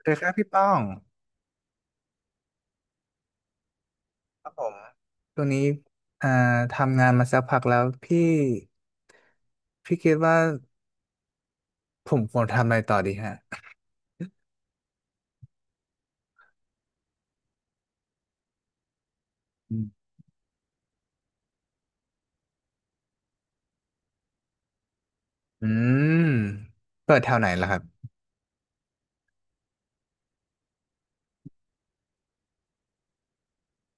เคยครับพี่ป้องครับผมตัวนี้อ่าทำงานมาสักพักแล้วพี่คิดว่าผมควรทำอะไรต่อดีฮะอืมอืมเปิดแถวไหนล่ะครับ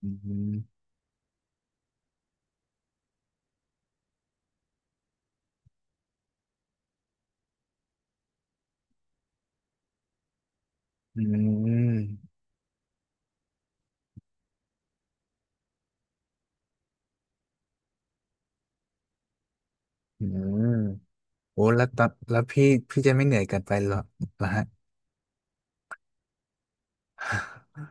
อืม อืม อืม โอ้แล้วตอนแล้วพี่จะไม่เหนื่อยเกินไปหรอเหรอฮะ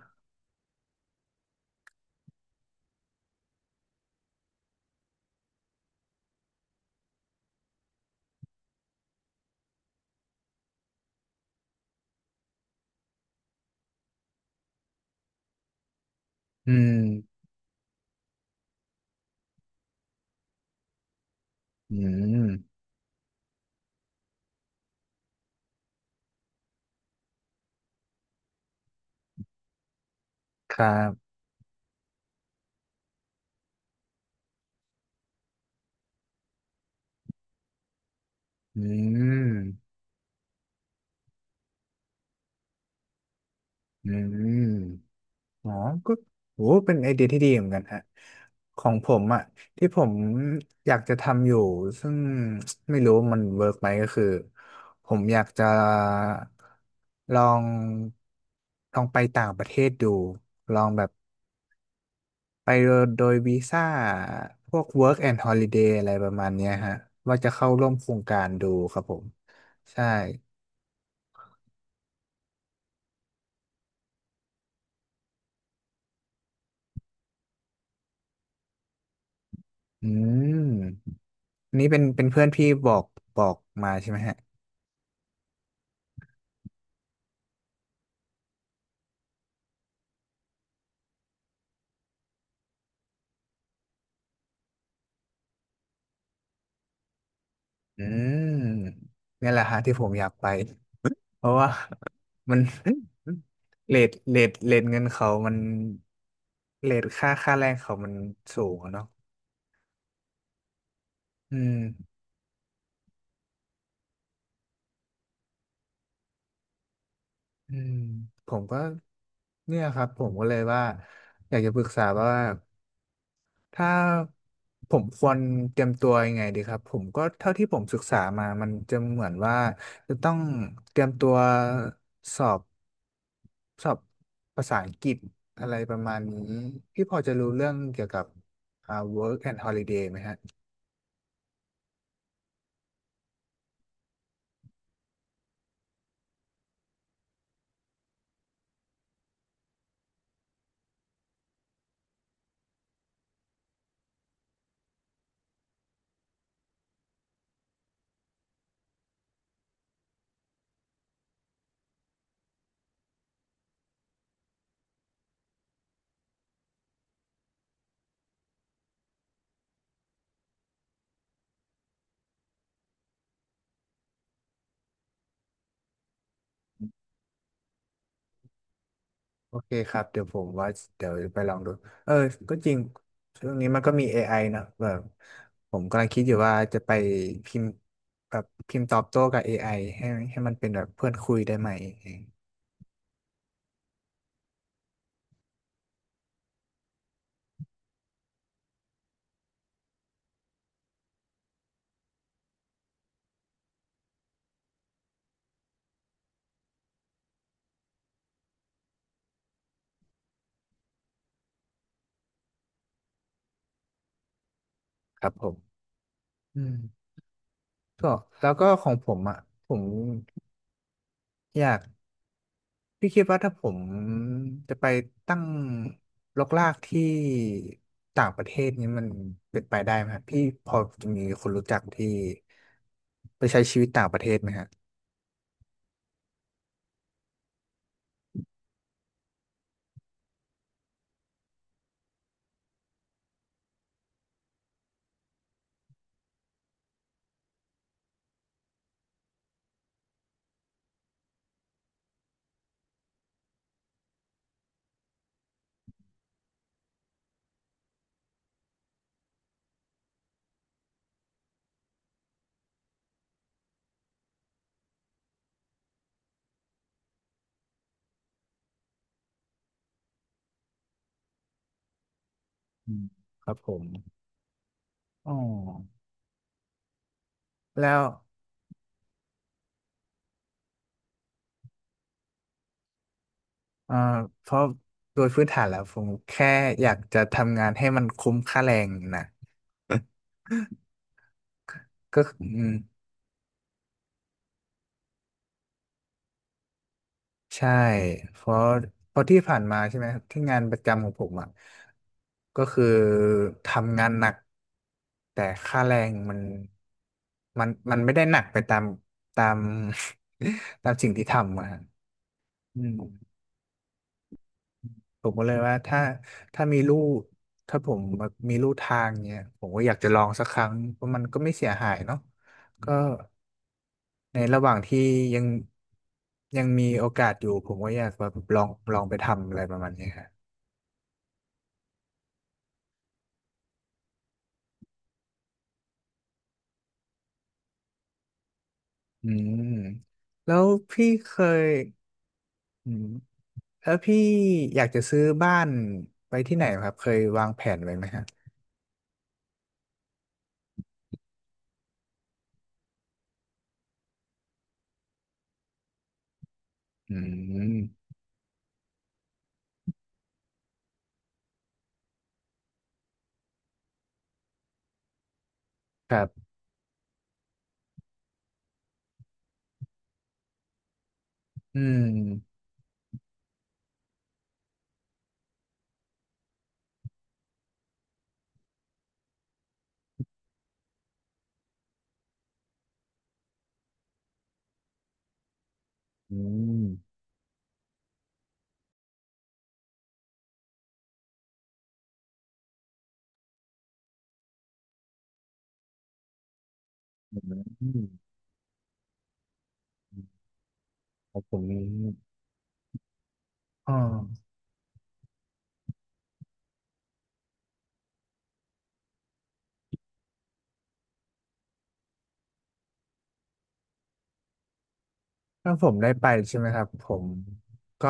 อืม อืม ครับ อืม อืม อ๋อก็โหเป็นไอเดียที่ดีเหมือนกันฮะของผมอ่ะ ที่ผมอยากจะทำอยู่ ซึ่งไม่รู้มันเวิร์กไหมก็คือ ผมอยากจะลอง ลองไปต่างประเทศดู ลองแบบไปโดยวีซ่า พวก work and holiday อะไรประมาณเนี้ยฮะว่าจะเข้าร่วมโครงการดูครับผม ใช่ อืม นี่เป็นเพื่อนพี่บอกบอกมาใช่ไหมฮะ อืมนี่แหละฮะที่ผมอยากไปเพราะว่า มัน เรทเงินเขามันเรทค่าแรงเขามันสูงอะเนาะอืมอืมผมก็เนี่ยครับผมก็เลยว่าอยากจะปรึกษาว่าถ้าผมควรเตรียมตัวยังไงดีครับผมก็เท่าที่ผมศึกษามามันจะเหมือนว่าจะต้องเตรียมตัวสอบ สอบภาษาอังกฤษอะไรประมาณนี้พี่พอจะรู้เรื่องเกี่ยวกับwork and holiday ไหมฮะโอเคครับเดี๋ยวผมว่าเดี๋ยวไปลองดูเออก็จริงช่วงนี้มันก็มี AI นะแบบผมกำลังคิดอยู่ว่าจะไปพิมพ์แบบพิมพ์ตอบโต้กับ AI ให้มันเป็นแบบเพื่อนคุยได้ไหมครับผมอืมก็แล้วก็ของผมอ่ะผมอยาก พี่คิดว่าถ้าผมจะไปตั้งรกรากที่ต่างประเทศนี้มันเป็นไปได้ไหมครับพี่พอจะมีคนรู้จักที่ไปใช้ชีวิตต่างประเทศไหมฮะอืมครับผมอ๋อแล้วเอ่อเพราะโดยพื้นฐานแล้วผมแค่อยากจะทำงานให้มันคุ้มค่าแรงนะก็อืม ใช่ เพราะเพราะที่ผ่านมาใช่ไหมที่งานประจำของผมอ่ะก็คือทำงานหนัก แต่ค่าแรงมันมันไม่ได้หนักไปตาม ตาม ตามสิ่งที่ทำอ่ะฮะอืมผมก็เลยว่าถ้าถ้ามีลู่ถ้าผมมีลู่ทางเนี่ยผมก็อยากจะลองสักครั้ง เพราะมันก็ไม่เสียหายเนาะก็ในระหว่างที่ยัง ยังมีโอกาสอยู่ ผมก็อยากแบบลองลองไปทำอะไรประมาณนี้ครับ อืมแล้วพี่เคยอืมแล้วพี่อยากจะซื้อบ้านไปที่ไหนครับเคยวางแผนไว้ไหมฮะอืมครับอืมอืมอืมครับผมอ๋อถ้าผมได้ไปใช่ไหมครับผมก็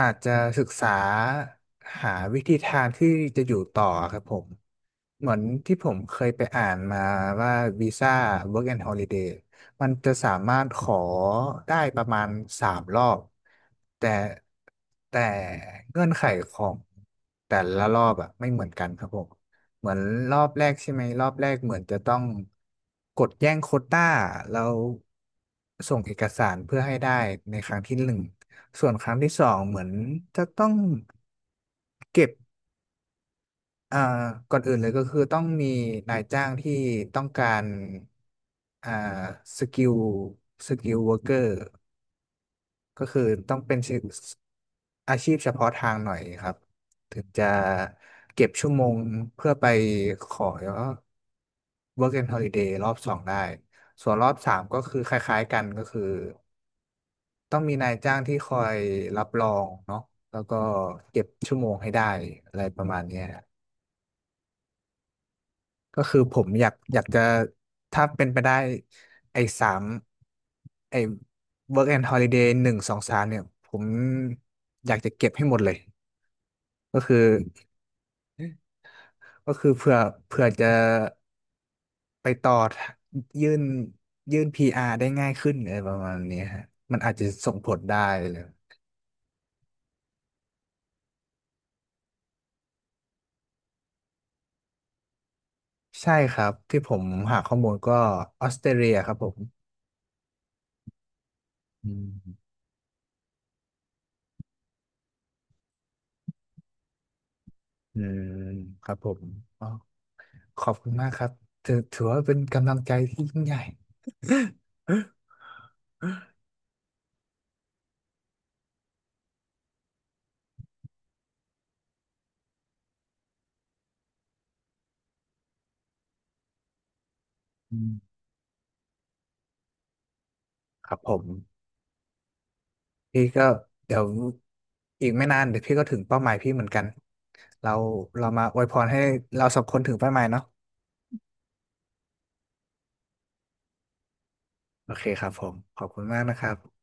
อาจจะศึกษาหาวิธีทางที่จะอยู่ต่อครับผมเหมือนที่ผมเคยไปอ่านมาว่าวีซ่า Work and Holiday มันจะสามารถขอได้ประมาณสามรอบแต่แต่เงื่อนไขของแต่ละรอบอะไม่เหมือนกันครับผมเหมือนรอบแรกใช่ไหมรอบแรกเหมือนจะต้องกดแย่งโควต้าแล้วส่งเอกสารเพื่อให้ได้ในครั้งที่หนึ่ง ส่วนครั้งที่สองเหมือนจะต้องเก็บอ่าก่อนอื่นเลยก็คือต้องมีนายจ้างที่ต้องการอ่าสกิลสกิลวอร์เกอร์ก็คือต้องเป็นชื่ออาชีพเฉพาะทางหน่อยครับถึงจะเก็บชั่วโมงเพื่อไปขอ Work and Holiday รอบสองได้ส่วนรอบสามก็คือคล้ายๆกันก็คือ ต้องมีนายจ้างที่คอยรับรองเนาะแล้วก็เก็บชั่วโมงให้ได้อะไรประมาณเนี้ยก็คือผมอยากจะถ้าเป็นไปได้ไอ้สามไอ้ work and holiday หนึ่งสองสามเนี่ยผมอยากจะเก็บให้หมดเลยก็คือก็คือเพื่อจะไปต่อยื่นยื่น PR ได้ง่ายขึ้นอะไรประมาณเนี้ยฮะมันอาจจะส่งผลได้เลยใช่ครับที่ผมหาข้อมูลก็ออสเตรเลียครับผม อืมอืมครับผมอ๋อขอบคุณมากครับถือว่าเป็นกำลังใจที่ยิ่งใหญ่อืมครับผมพี่ก็เดี๋ยวอีกไม่นานเดี๋ยวพี่ก็ถึงเป้าหมายพี่เหมือนกันเราเรามาอวยพรให้เราสองคนถึงเป้าหมายเนาะโอเคครับผมขอบคุณมากนะครับ